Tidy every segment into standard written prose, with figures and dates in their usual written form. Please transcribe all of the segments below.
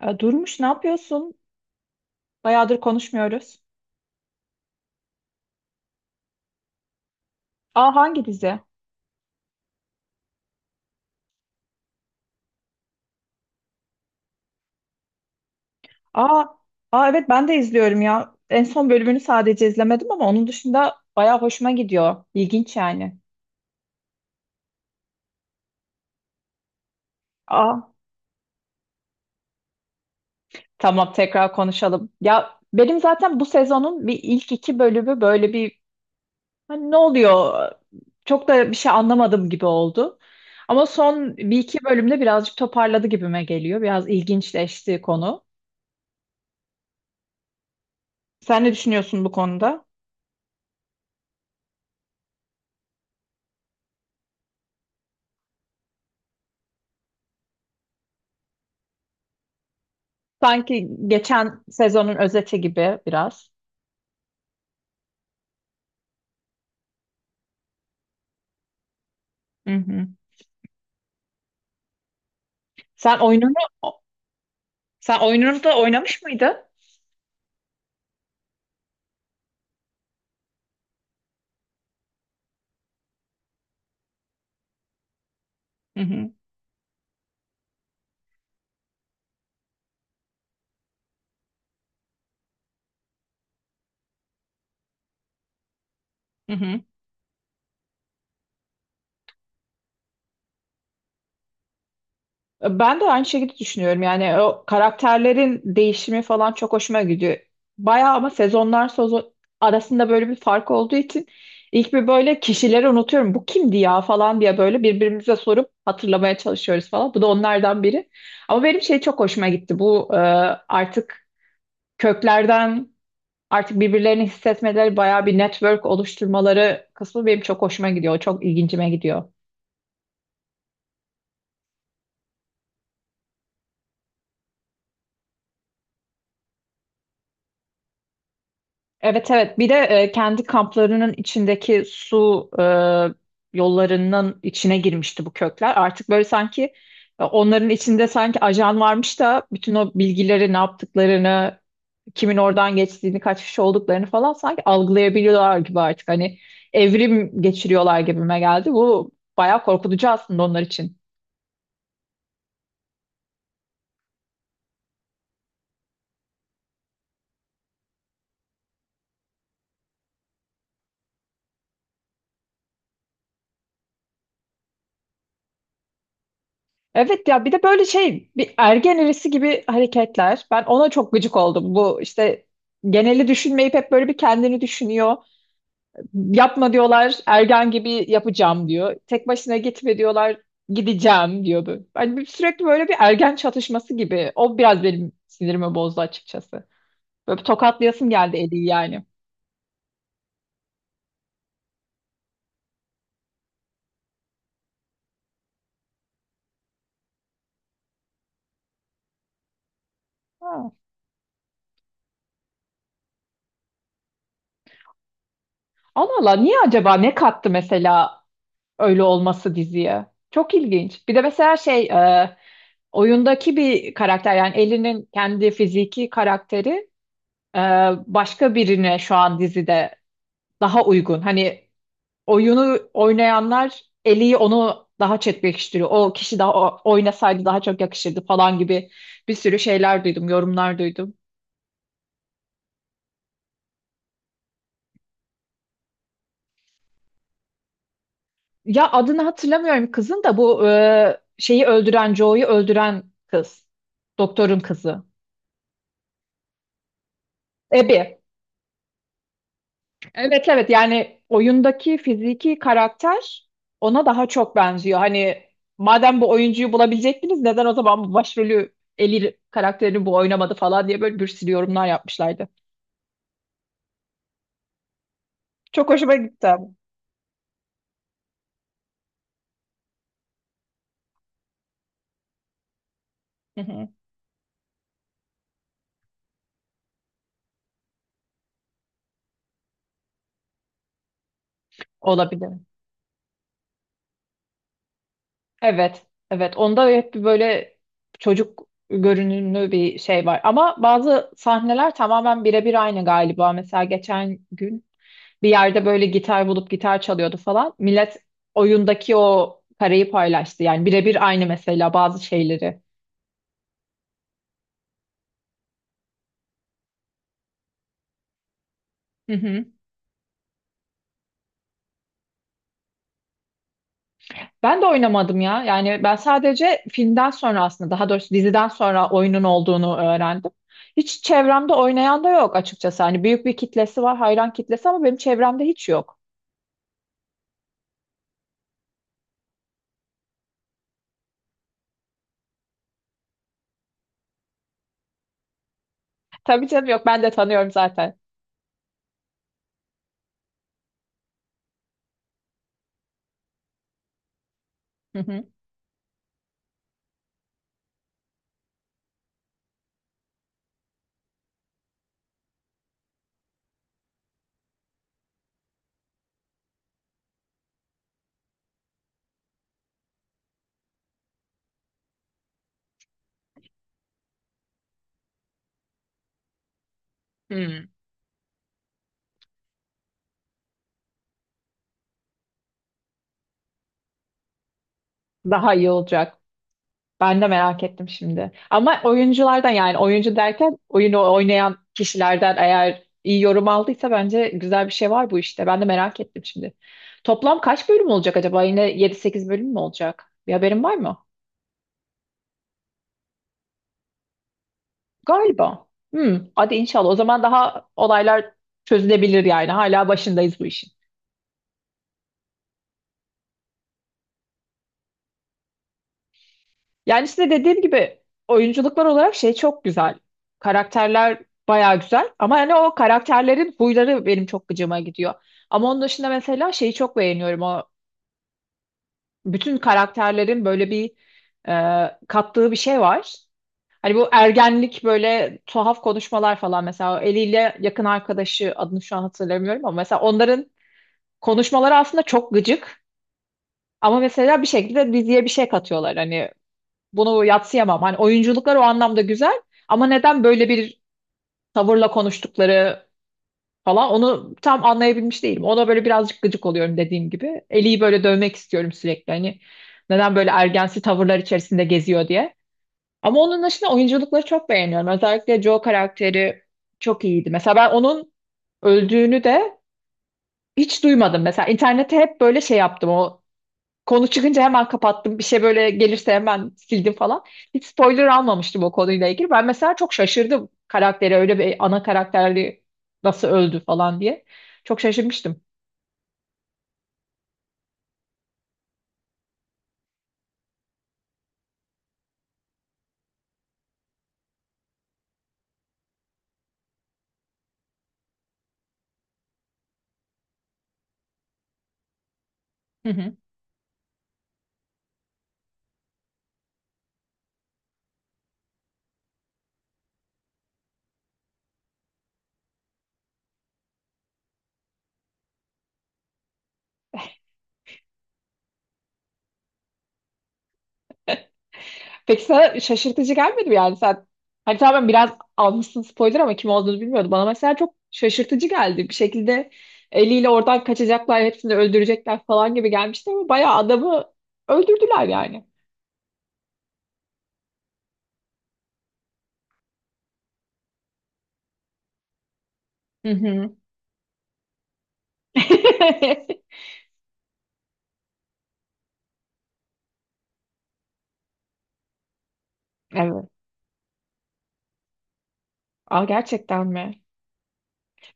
Durmuş ne yapıyorsun? Bayağıdır konuşmuyoruz. Aa, hangi dizi? Aa, aa, evet ben de izliyorum ya. En son bölümünü sadece izlemedim ama onun dışında bayağı hoşuma gidiyor. İlginç yani. Aa, tamam, tekrar konuşalım. Ya benim zaten bu sezonun bir ilk iki bölümü böyle bir, hani, ne oluyor? Çok da bir şey anlamadım gibi oldu. Ama son bir iki bölümde birazcık toparladı gibime geliyor. Biraz ilginçleşti konu. Sen ne düşünüyorsun bu konuda? Sanki geçen sezonun özeti gibi biraz. Hı hı. Sen oyununu sen oyununu da oynamış mıydın? Hı hı. Hı hı. Ben de aynı şekilde düşünüyorum. Yani o karakterlerin değişimi falan çok hoşuma gidiyor. Bayağı ama sezon arasında böyle bir fark olduğu için ilk bir böyle kişileri unutuyorum. Bu kimdi ya falan diye böyle birbirimize sorup hatırlamaya çalışıyoruz falan. Bu da onlardan biri. Ama benim şey çok hoşuma gitti. Artık köklerden, artık birbirlerini hissetmeleri, bayağı bir network oluşturmaları kısmı benim çok hoşuma gidiyor. Çok ilgincime gidiyor. Evet evet, bir de kendi kamplarının içindeki su, yollarının içine girmişti bu kökler. Artık böyle sanki onların içinde sanki ajan varmış da bütün o bilgileri ne yaptıklarını, kimin oradan geçtiğini, kaç kişi olduklarını falan sanki algılayabiliyorlar gibi artık. Hani evrim geçiriyorlar gibime geldi. Bu bayağı korkutucu aslında onlar için. Evet ya, bir de böyle şey, bir ergen erisi gibi hareketler. Ben ona çok gıcık oldum. Bu işte geneli düşünmeyip hep böyle bir kendini düşünüyor. Yapma diyorlar, ergen gibi yapacağım diyor. Tek başına gitme diyorlar, gideceğim diyordu. Hani sürekli böyle bir ergen çatışması gibi. O biraz benim sinirimi bozdu açıkçası. Böyle bir tokatlayasım geldi Eli'yi yani. Ha. Allah Allah, niye acaba, ne kattı mesela öyle olması diziye. Çok ilginç. Bir de mesela oyundaki bir karakter, yani Ellie'nin kendi fiziki karakteri e, başka birine şu an dizide daha uygun. Hani oyunu oynayanlar Ellie'yi onu daha çekleştiriyor. O kişi daha oynasaydı daha çok yakışırdı falan gibi bir sürü şeyler duydum, yorumlar duydum. Ya adını hatırlamıyorum kızın, da bu şeyi öldüren, Joe'yu öldüren kız. Doktorun kızı. Abby. Evet evet, yani oyundaki fiziki karakter ona daha çok benziyor. Hani madem bu oyuncuyu bulabilecektiniz, neden o zaman bu başrolü, Ellie karakterini, bu oynamadı falan diye böyle bir sürü yorumlar yapmışlardı. Çok hoşuma gitti abi. Hı hı. Olabilir. Evet evet, onda hep bir böyle çocuk görünümlü bir şey var. Ama bazı sahneler tamamen birebir aynı galiba. Mesela geçen gün bir yerde böyle gitar bulup gitar çalıyordu falan. Millet oyundaki o parayı paylaştı. Yani birebir aynı mesela bazı şeyleri. Hı hı. Ben de oynamadım ya. Yani ben sadece filmden sonra, aslında daha doğrusu diziden sonra oyunun olduğunu öğrendim. Hiç çevremde oynayan da yok açıkçası. Hani büyük bir kitlesi var, hayran kitlesi, ama benim çevremde hiç yok. Tabii canım, yok. Ben de tanıyorum zaten. Hı hı. Hmm. Daha iyi olacak. Ben de merak ettim şimdi. Ama oyunculardan, yani oyuncu derken oyunu oynayan kişilerden eğer iyi yorum aldıysa bence güzel bir şey var bu işte. Ben de merak ettim şimdi. Toplam kaç bölüm olacak acaba? Yine yedi sekiz bölüm mü olacak? Bir haberin var mı? Galiba. Hmm, hadi inşallah. O zaman daha olaylar çözülebilir yani. Hala başındayız bu işin. Yani size dediğim gibi oyunculuklar olarak şey çok güzel. Karakterler bayağı güzel ama yani o karakterlerin huyları benim çok gıcıma gidiyor. Ama onun dışında mesela şeyi çok beğeniyorum. O bütün karakterlerin böyle bir kattığı bir şey var. Hani bu ergenlik böyle tuhaf konuşmalar falan, mesela o eliyle yakın arkadaşı, adını şu an hatırlamıyorum, ama mesela onların konuşmaları aslında çok gıcık. Ama mesela bir şekilde diziye bir şey katıyorlar. Hani bunu yadsıyamam. Hani oyunculuklar o anlamda güzel, ama neden böyle bir tavırla konuştukları falan, onu tam anlayabilmiş değilim. Ona böyle birazcık gıcık oluyorum dediğim gibi. Eli'yi böyle dövmek istiyorum sürekli. Hani neden böyle ergensi tavırlar içerisinde geziyor diye. Ama onun dışında oyunculukları çok beğeniyorum. Özellikle Joe karakteri çok iyiydi. Mesela ben onun öldüğünü de hiç duymadım. Mesela internette hep böyle şey yaptım. O konu çıkınca hemen kapattım. Bir şey böyle gelirse hemen sildim falan. Hiç spoiler almamıştım o konuyla ilgili. Ben mesela çok şaşırdım, karakteri öyle bir ana karakterli nasıl öldü falan diye. Çok şaşırmıştım. Hı hı. Peki sana şaşırtıcı gelmedi mi, yani sen? Hani tamam, biraz almışsın spoiler, ama kim olduğunu bilmiyordum. Bana mesela çok şaşırtıcı geldi. Bir şekilde eliyle oradan kaçacaklar, hepsini öldürecekler falan gibi gelmişti, ama bayağı adamı öldürdüler yani. Hı hı. Evet. Aa, gerçekten mi?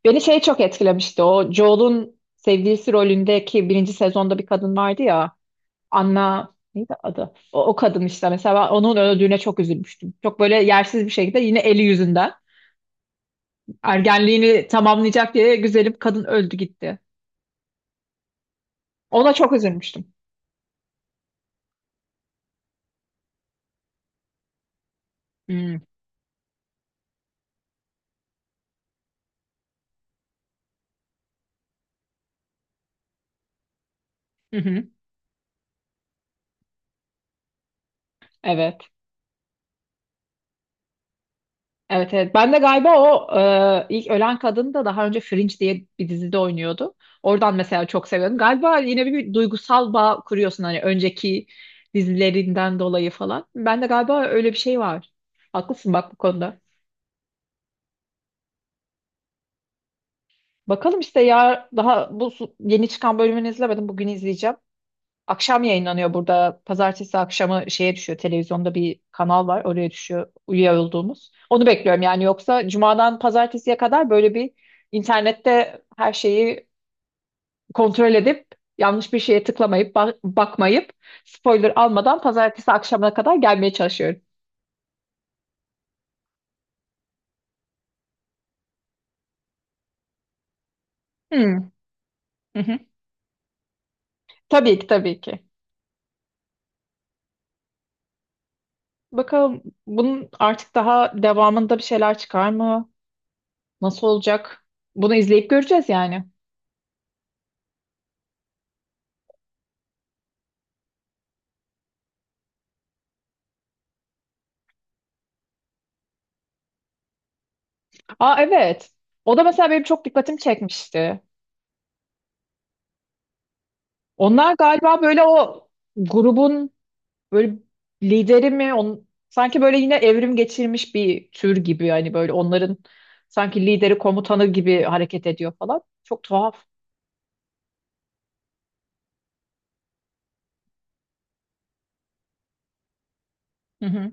Beni şey çok etkilemişti. O Joel'un sevgilisi rolündeki birinci sezonda bir kadın vardı ya. Anna neydi adı? O, o kadın işte, mesela ben onun öldüğüne çok üzülmüştüm. Çok böyle yersiz bir şekilde, yine eli yüzünden. Ergenliğini tamamlayacak diye güzelim kadın öldü gitti. Ona çok üzülmüştüm. Hmm, hı hı. Evet. Evet evet. Ben de galiba o ilk ölen kadın da daha önce Fringe diye bir dizide oynuyordu. Oradan mesela çok seviyordum. Galiba yine bir duygusal bağ kuruyorsun, hani önceki dizilerinden dolayı falan. Ben de galiba öyle bir şey var. Haklısın bak bu konuda. Bakalım işte ya, daha yeni çıkan bölümünü izlemedim. Bugün izleyeceğim. Akşam yayınlanıyor burada. Pazartesi akşamı şeye düşüyor. Televizyonda bir kanal var. Oraya düşüyor, üye olduğumuz. Onu bekliyorum yani. Yoksa cumadan pazartesiye kadar böyle bir internette her şeyi kontrol edip, yanlış bir şeye tıklamayıp, bakmayıp, spoiler almadan pazartesi akşamına kadar gelmeye çalışıyorum. Hmm. Hı hı. Tabii ki, tabii ki. Bakalım bunun artık daha devamında bir şeyler çıkar mı? Nasıl olacak? Bunu izleyip göreceğiz yani. Aa evet. O da mesela benim çok dikkatimi çekmişti. Onlar galiba böyle o grubun böyle lideri mi? On, sanki böyle yine evrim geçirmiş bir tür gibi. Yani böyle onların sanki lideri, komutanı gibi hareket ediyor falan. Çok tuhaf. Hı hı.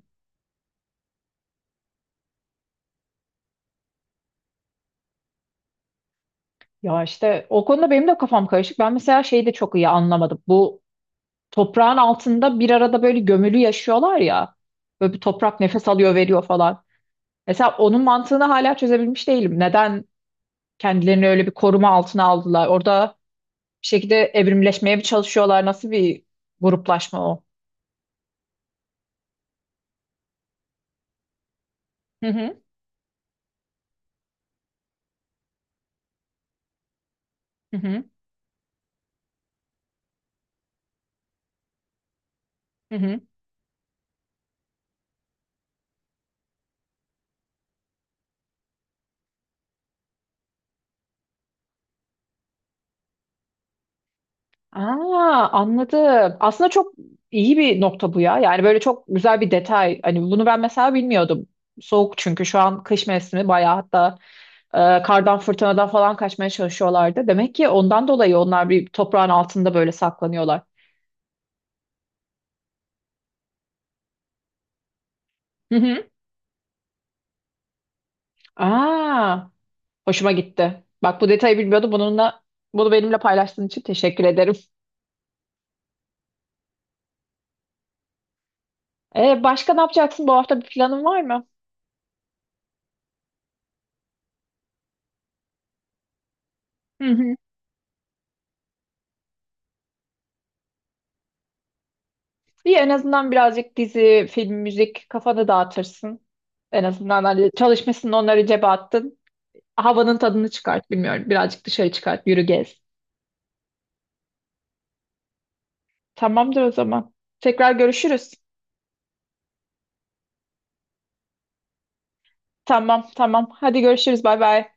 Ya işte o konuda benim de kafam karışık. Ben mesela şeyi de çok iyi anlamadım. Bu toprağın altında bir arada böyle gömülü yaşıyorlar ya. Böyle bir toprak nefes alıyor veriyor falan. Mesela onun mantığını hala çözebilmiş değilim. Neden kendilerini öyle bir koruma altına aldılar? Orada bir şekilde evrimleşmeye mi çalışıyorlar? Nasıl bir gruplaşma o? Hı hı, hı hı, hı hı. Aa, anladım. Aslında çok iyi bir nokta bu ya. Yani böyle çok güzel bir detay. Hani bunu ben mesela bilmiyordum. Soğuk, çünkü şu an kış mevsimi, bayağı hatta kardan, fırtınadan falan kaçmaya çalışıyorlardı. Demek ki ondan dolayı onlar bir toprağın altında böyle saklanıyorlar. Hı hı. Aa. Hoşuma gitti. Bak bu detayı bilmiyordum. Bunu benimle paylaştığın için teşekkür ederim. Başka ne yapacaksın? Bu hafta bir planın var mı? Hı hı. İyi, en azından birazcık dizi, film, müzik kafanı dağıtırsın. En azından hani çalışmışsın, onları cebe attın. Havanın tadını çıkart, bilmiyorum. Birazcık dışarı çıkart, yürü, gez. Tamamdır o zaman. Tekrar görüşürüz. Tamam, tamam. Hadi görüşürüz. Bay bay.